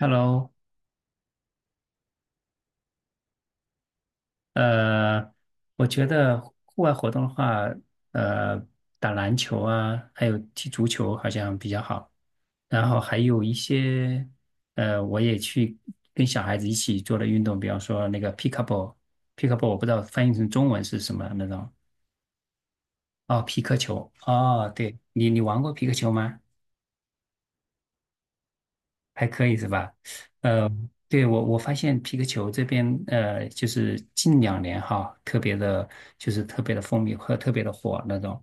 Hello，呃，我觉得户外活动的话，呃，打篮球啊，还有踢足球好像比较好。然后还有一些，我也去跟小孩子一起做的运动，比方说那个 p i c k l e b l l p i c k l e b l l 我不知道翻译成中文是什么那种。哦，皮克球。哦，对，你玩过皮克球吗？还可以是吧？呃，对，我发现皮克球这边，就是近2年哈，特别的，就是特别的风靡和特别的火那种。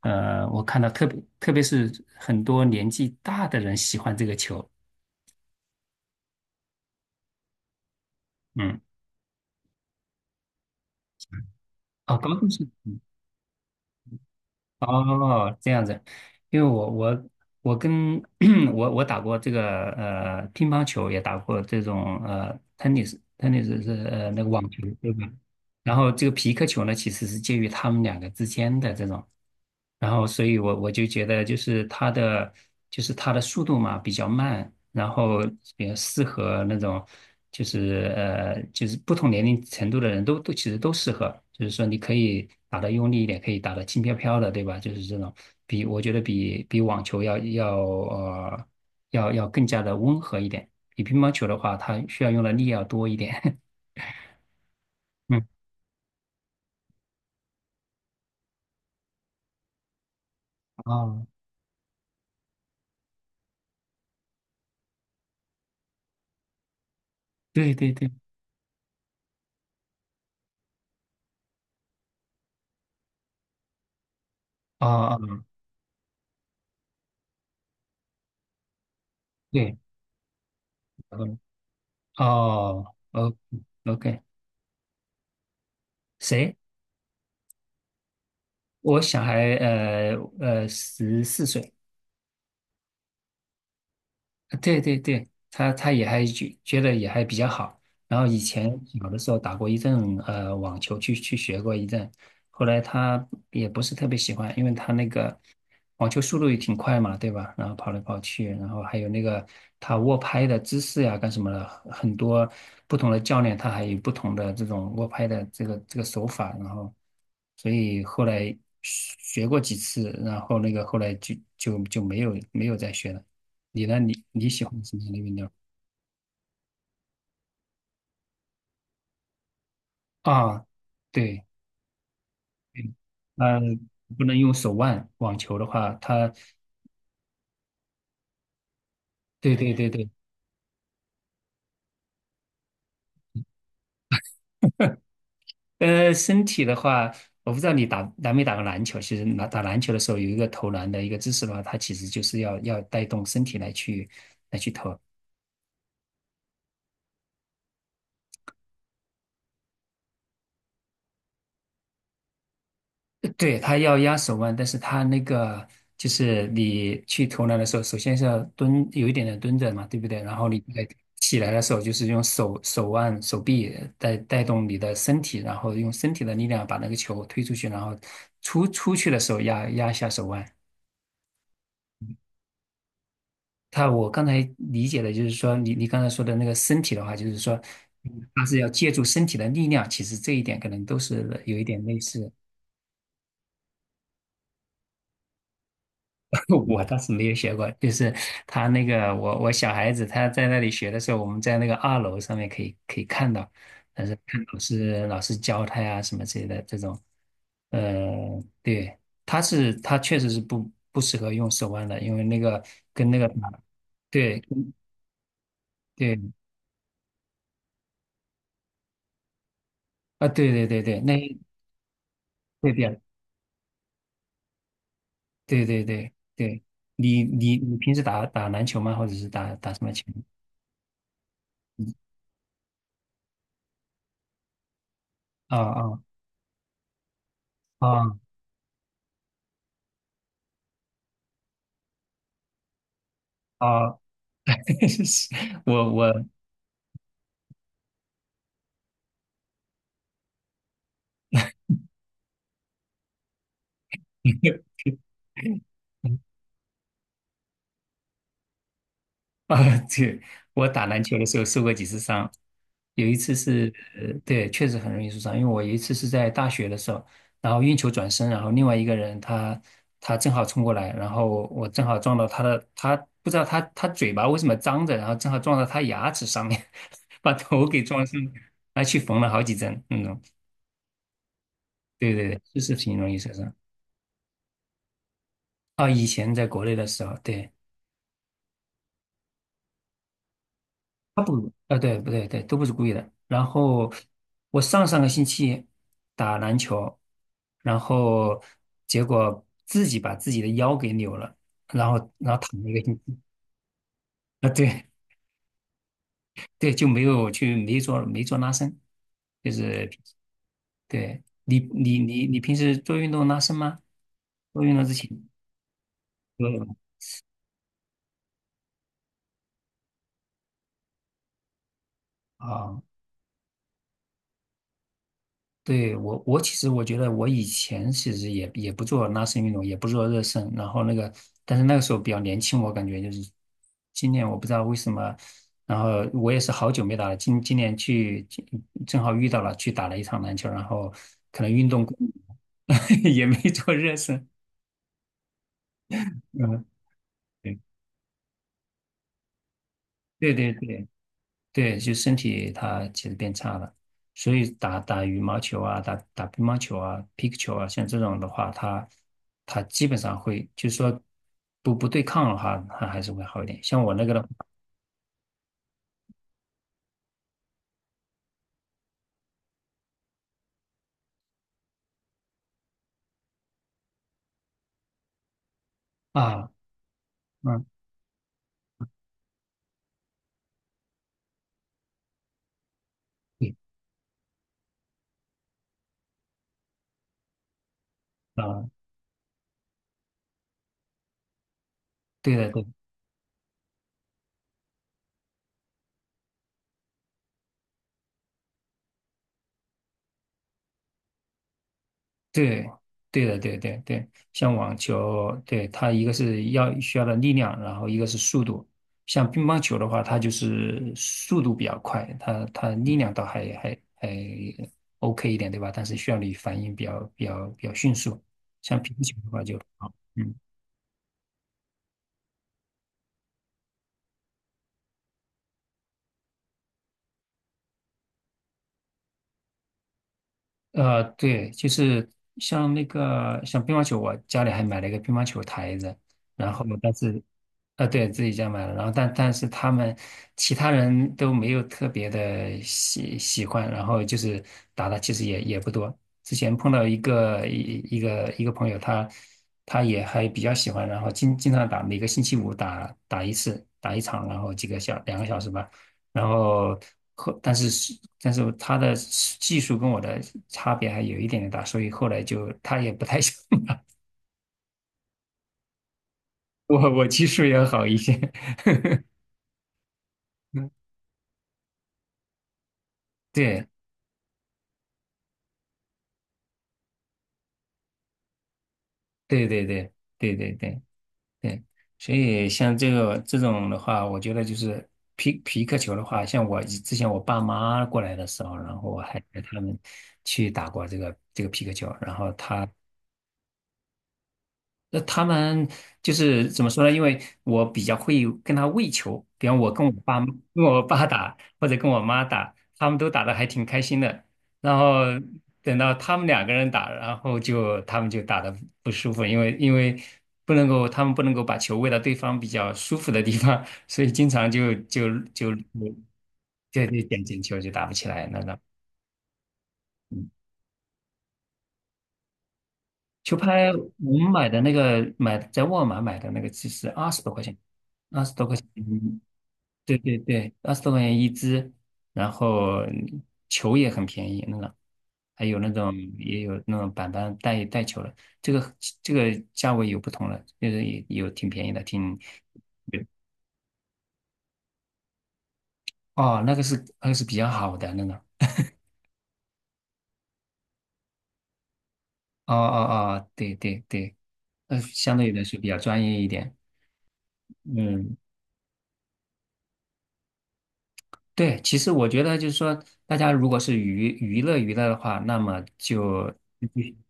我看到特别是很多年纪大的人喜欢这个球。嗯。哦，高中生。嗯。哦，这样子。因为我跟 我打过这个乒乓球，也打过这种tennis 是那个网球吧。然后这个皮克球呢，其实是介于他们两个之间的这种，然后所以我就觉得就是它的速度嘛比较慢，然后比较适合那种就是不同年龄程度的人都其实都适合，就是说你可以打得用力一点，可以打得轻飘飘的，对吧？就是这种比我觉得比网球要要更加的温和一点，比乒乓球的话，它需要用的力要多一点。嗯。哦，对对对。哦，哦对。嗯。哦。哦，OK。谁？我小孩14岁。对对对，他也还觉得也还比较好。然后以前有的时候打过一阵网球去学过一阵，后来他也不是特别喜欢，因为他那个网球速度也挺快嘛，对吧？然后跑来跑去，然后还有那个他握拍的姿势呀，干什么的，很多不同的教练他还有不同的这种握拍的这个手法，然后所以后来学过几次，然后那个后来就没有再学了。你呢？你喜欢什么样的运动？啊，对，呃，不能用手腕。网球的话，它，对对对对。身体的话，我不知道你打没打过篮球。其实打打篮球的时候，有一个投篮的一个姿势的话，它其实就是要带动身体来去对，他要压手腕，但是他那个就是你去投篮的时候，首先是要蹲，有一点点蹲着嘛，对不对？然后你再起来的时候，就是用手腕、手臂带动你的身体，然后用身体的力量把那个球推出去，然后出去的时候压压一下手腕。他我刚才理解的就是说，你刚才说的那个身体的话，就是说，他是要借助身体的力量，其实这一点可能都是有一点类似。我倒是没有学过，就是他那个我小孩子他在那里学的时候，我们在那个二楼上面可以看到，但是看老师教他呀什么之类的这种，对，他确实是不适合用手腕的，因为那个跟那个打，对对啊，对对对对。那对比，对对对对。你平时打打篮球吗？或者是打打什么球？啊啊啊啊！我 啊，对，我打篮球的时候受过几次伤，有一次是，对，确实很容易受伤，因为我有一次是在大学的时候，然后运球转身，然后另外一个人他正好冲过来，然后我正好撞到他的，他不知道他嘴巴为什么张着，然后正好撞到他牙齿上面，把头给撞伤，还去缝了好几针对对对，就是挺容易受伤。啊，以前在国内的时候，对。他不，对，不对，对，都不是故意的。然后我上上个星期打篮球，然后结果自己把自己的腰给扭了，然后躺了一个星期。啊，对对，就没有去没做没做拉伸，就是对你平时做运动拉伸吗？做运动之前都有吗啊。对，我其实我觉得我以前其实也不做拉伸运动，也不做热身，然后那个，但是那个时候比较年轻，我感觉就是今年我不知道为什么，然后我也是好久没打了，今年正好遇到了，去打了一场篮球，然后可能运动过 也没做热身，嗯，对对对对。对，就身体它其实变差了，所以打打羽毛球啊，打打乒乓球啊、皮克球啊，像这种的话，它基本上会，就是说不对抗的话，它还是会好一点。像我那个的话啊，嗯，对啊，对的，对的对，对的，对对对，像网球，对，它一个是需要的力量，然后一个是速度。像乒乓球的话，它就是速度比较快，它力量倒还 OK 一点，对吧？但是需要你反应比较迅速。像乒乓球的话就好，嗯。对，就是像那个像乒乓球，我家里还买了一个乒乓球台子，然后但是，对，自己家买了，然后但是他们其他人都没有特别的喜欢，然后就是打的其实也不多。之前碰到一个朋友，他也还比较喜欢，然后经常打，每个星期五打打一次，打一场，然后几个小2个小时吧。然后，但是他的技术跟我的差别还有一点点大，所以后来就他也不太想 我技术要好一些。嗯，对，对对对对对对对，所以像这个这种的话，我觉得就是皮克球的话，像我之前我爸妈过来的时候，然后我还带他们去打过这个皮克球，然后他他们就是怎么说呢？因为我比较会跟他喂球，比方我跟我爸打，或者跟我妈打，他们都打得还挺开心的。然后等到他们两个人打，然后他们就打得不舒服，因为不能够，他们不能够把球喂到对方比较舒服的地方，所以经常就就就对对点进球就打不起来那种。嗯球拍我们买的那个买在沃尔玛买的那个，其实二十多块钱，二十多块钱。嗯，对对对，二十多块钱一支，然后球也很便宜，那个还有那种也有那种板带球的，这个这个价位有不同了，就是也有挺便宜的，哦，那个是比较好的那个，哦哦哦，对对对，相对来说比较专业一点，嗯。对，其实我觉得就是说，大家如果是娱乐娱乐的话，那么就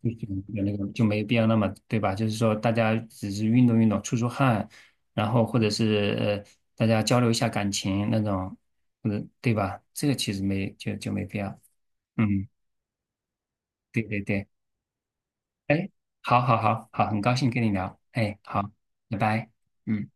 就那个就没必要那么对吧？就是说，大家只是运动运动、出汗，然后或者是大家交流一下感情那种，或者对吧？这个其实没就就没必要。嗯，对对对，哎，好好好好，很高兴跟你聊，哎，好，拜拜。嗯。